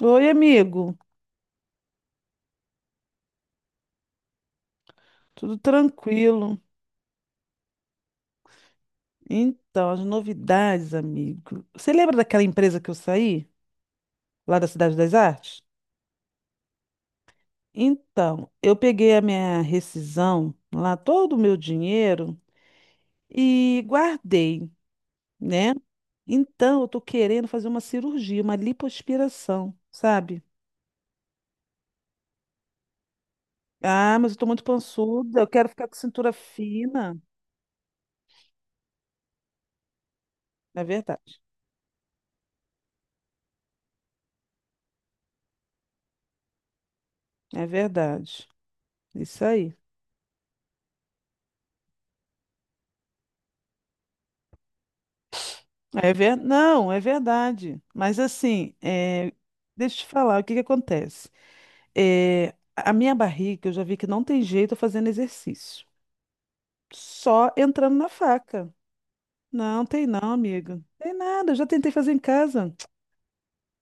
Oi, amigo. Tudo tranquilo? Então, as novidades, amigo. Você lembra daquela empresa que eu saí, lá da Cidade das Artes? Então, eu peguei a minha rescisão, lá todo o meu dinheiro e guardei, né? Então, eu tô querendo fazer uma cirurgia, uma lipoaspiração, sabe? Ah, mas eu tô muito pançuda, eu quero ficar com cintura fina. É verdade. É verdade. Isso aí. Não, é verdade. Mas assim, deixa eu te falar, o que que acontece? É, A minha barriga, eu já vi que não tem jeito fazendo exercício. Só entrando na faca. Não, tem não, amiga. Tem nada, eu já tentei fazer em casa.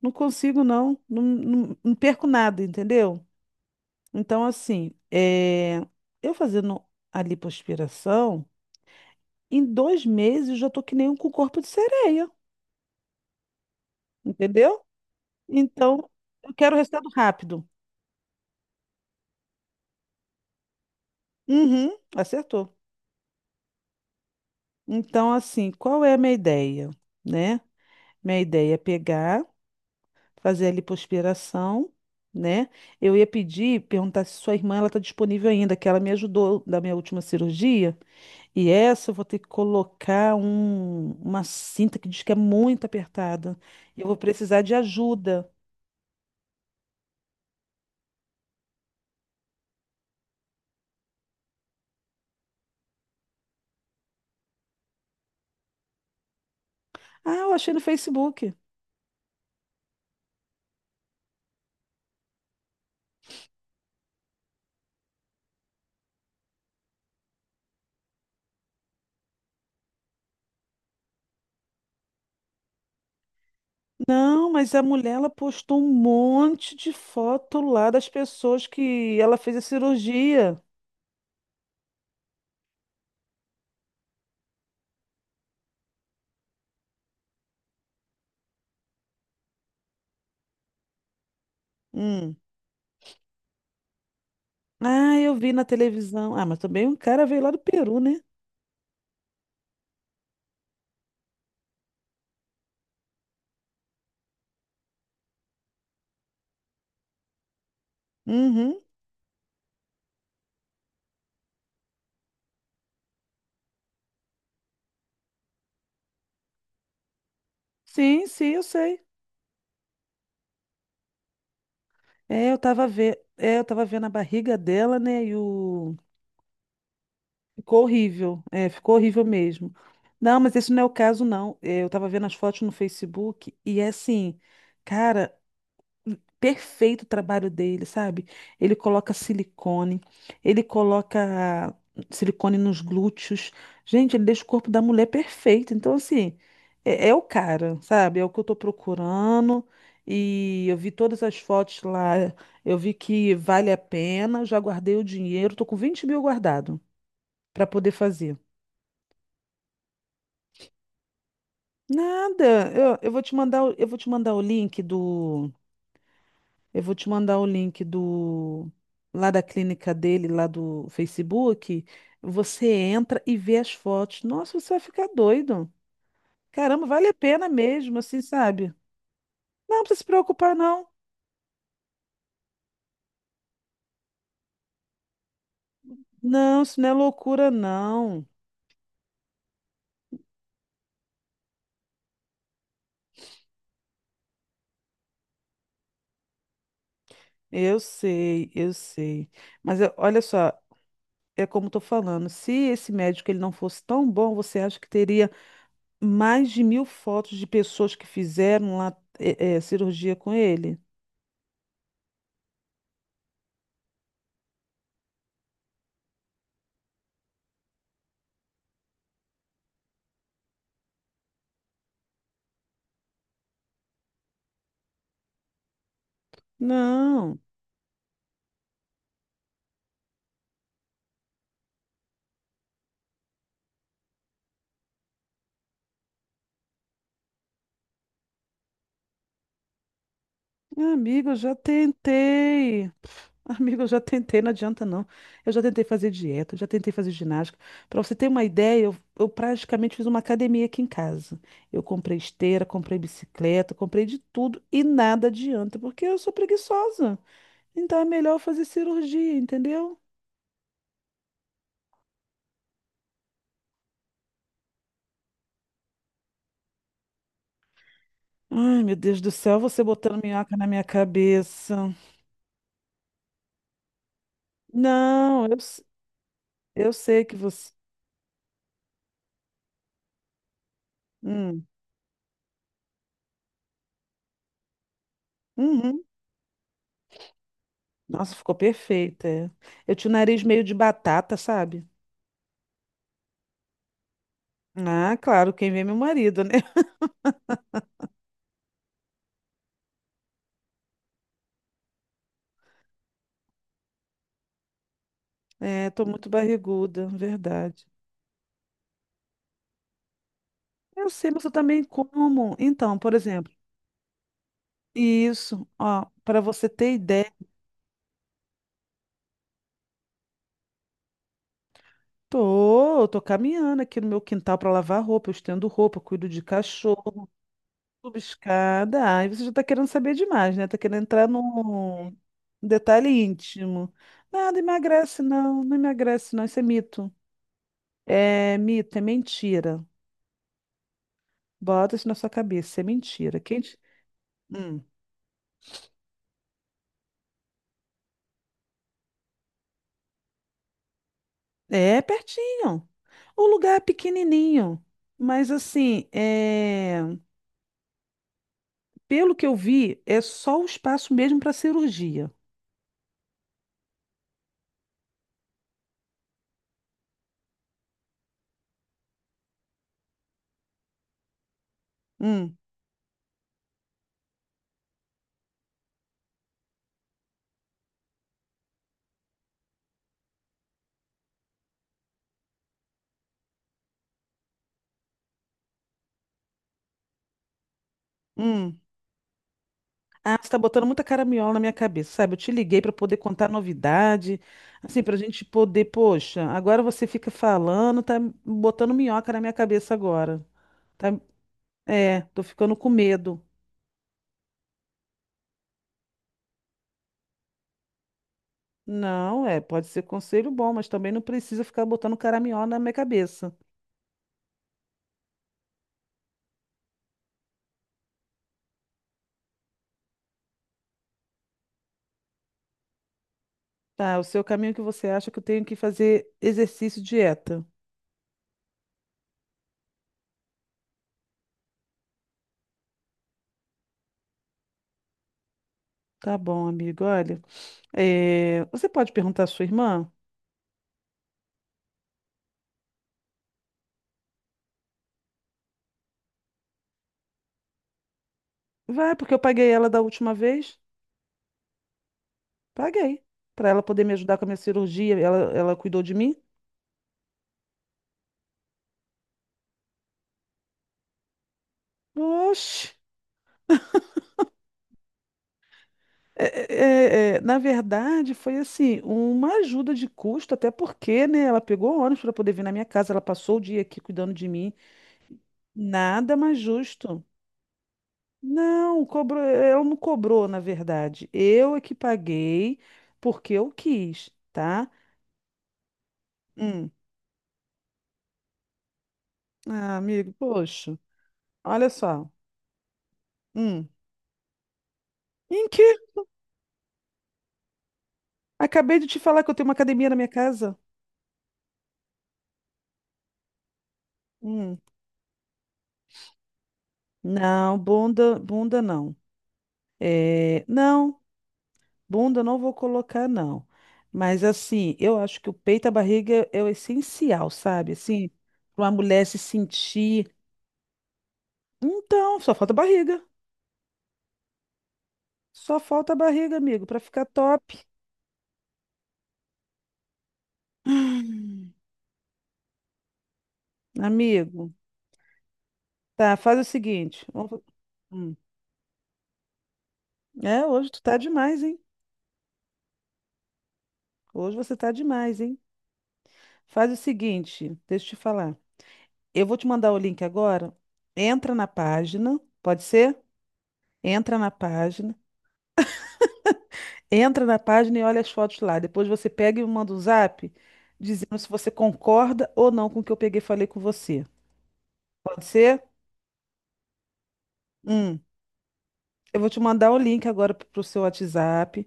Não consigo, não. Não perco nada, entendeu? Então, assim, eu fazendo a lipoaspiração, em 2 meses eu já tô que nem um com corpo de sereia, entendeu? Então, eu quero o resultado rápido. Uhum, acertou. Então, assim, qual é a minha ideia, né? Minha ideia é pegar, fazer a lipoaspiração, né? Eu ia pedir, perguntar se sua irmã ela está disponível ainda, que ela me ajudou da minha última cirurgia. E essa eu vou ter que colocar uma cinta que diz que é muito apertada. Eu vou precisar de ajuda. Ah, eu achei no Facebook. Não, mas a mulher ela postou um monte de foto lá das pessoas que ela fez a cirurgia. Hum. Ah, eu vi na televisão. Ah, mas também um cara veio lá do Peru, né? Uhum. Sim, sim, eu sei. É, eu tava vendo, é, eu tava vendo a barriga dela, né? E o ficou horrível. É, ficou horrível mesmo. Não, mas esse não é o caso, não. É, eu tava vendo as fotos no Facebook e é assim, cara, perfeito o trabalho dele, sabe? Ele coloca silicone, ele coloca silicone nos glúteos. Gente, ele deixa o corpo da mulher perfeito. Então, assim, é o cara, sabe? É o que eu tô procurando. E eu vi todas as fotos lá, eu vi que vale a pena, já guardei o dinheiro, tô com 20 mil guardado para poder fazer. Nada, eu vou te mandar, eu vou te mandar o link do Eu vou te mandar o link do lá da clínica dele, lá do Facebook. Você entra e vê as fotos. Nossa, você vai ficar doido. Caramba, vale a pena mesmo, assim, sabe? Não precisa se preocupar, não. Não, isso não é loucura, não. Eu sei, eu sei. Olha só, é como eu tô falando. Se esse médico ele não fosse tão bom, você acha que teria mais de 1.000 fotos de pessoas que fizeram lá cirurgia com ele? Não. Amigo, eu já tentei. Amigo, eu já tentei, não adianta não. Eu já tentei fazer dieta, eu já tentei fazer ginástica. Para você ter uma ideia, eu praticamente fiz uma academia aqui em casa. Eu comprei esteira, comprei bicicleta, comprei de tudo e nada adianta, porque eu sou preguiçosa. Então é melhor eu fazer cirurgia, entendeu? Ai, meu Deus do céu, você botando minhoca na minha cabeça. Não, eu, s- eu sei que você. Hum. Uhum. Nossa, ficou perfeita. É. Eu tinha o nariz meio de batata, sabe? Ah, claro, quem vê é meu marido, né? É, tô muito barriguda, verdade. Eu sei, mas eu também como. Então, por exemplo, isso, ó, para você ter ideia, tô caminhando aqui no meu quintal para lavar roupa, eu estendo roupa, cuido de cachorro, subo escada. Ai, você já tá querendo saber demais, né? Tá querendo entrar num detalhe íntimo. Nada emagrece, não, não emagrece, não, isso é mito. É mito, é mentira. Bota isso na sua cabeça, isso é mentira. Hum. É pertinho. O lugar é pequenininho, mas assim, é... pelo que eu vi, é só o espaço mesmo para cirurgia. Hum, hum. Ah, você tá botando muita caraminhola na minha cabeça, sabe? Eu te liguei para poder contar novidade, assim, pra gente poder, poxa, agora você fica falando, tá botando minhoca na minha cabeça agora. Tá... É, tô ficando com medo. Não, é, pode ser conselho bom, mas também não precisa ficar botando caraminhola na minha cabeça. Tá, o seu caminho que você acha que eu tenho que fazer exercício e dieta. Tá bom, amigo, olha. É, você pode perguntar à sua irmã? Vai, porque eu paguei ela da última vez. Paguei. Para ela poder me ajudar com a minha cirurgia, ela cuidou de mim. Oxe! é, é, na verdade, foi assim, uma ajuda de custo, até porque, né, ela pegou ônibus para poder vir na minha casa, ela passou o dia aqui cuidando de mim. Nada mais justo. Não, cobrou, ela não cobrou, na verdade. Eu é que paguei porque eu quis, tá? Hum. Ah, amigo, poxa, olha só. Hum. Em que? Acabei de te falar que eu tenho uma academia na minha casa. Hum. Não, bunda, bunda não. É, não, bunda não vou colocar, não. Mas assim, eu acho que o peito e a barriga é o essencial, sabe? Assim, para uma mulher se sentir. Então, só falta barriga. Só falta a barriga, amigo, para ficar top. Hum, Amigo, tá, faz o seguinte. Hum. É, hoje tu tá demais, hein? Hoje você tá demais, hein? Faz o seguinte, deixa eu te falar. Eu vou te mandar o link agora. Entra na página, pode ser? Entra na página. Entra na página e olha as fotos lá. Depois você pega e me manda um zap dizendo se você concorda ou não com o que eu peguei e falei com você. Pode ser? Hum. Eu vou te mandar o link agora pro seu WhatsApp.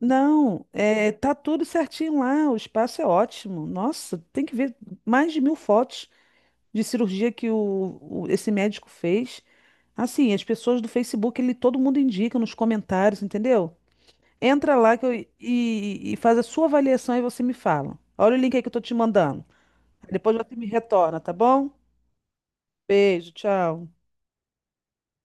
Não, é, tá tudo certinho lá, o espaço é ótimo. Nossa, tem que ver mais de 1.000 fotos de cirurgia que esse médico fez. Assim, as pessoas do Facebook, ele todo mundo indica nos comentários, entendeu? Entra lá que eu- E faz a sua avaliação e você me fala. Olha o link aí que eu tô te mandando. Depois você me retorna, tá bom? Beijo, tchau.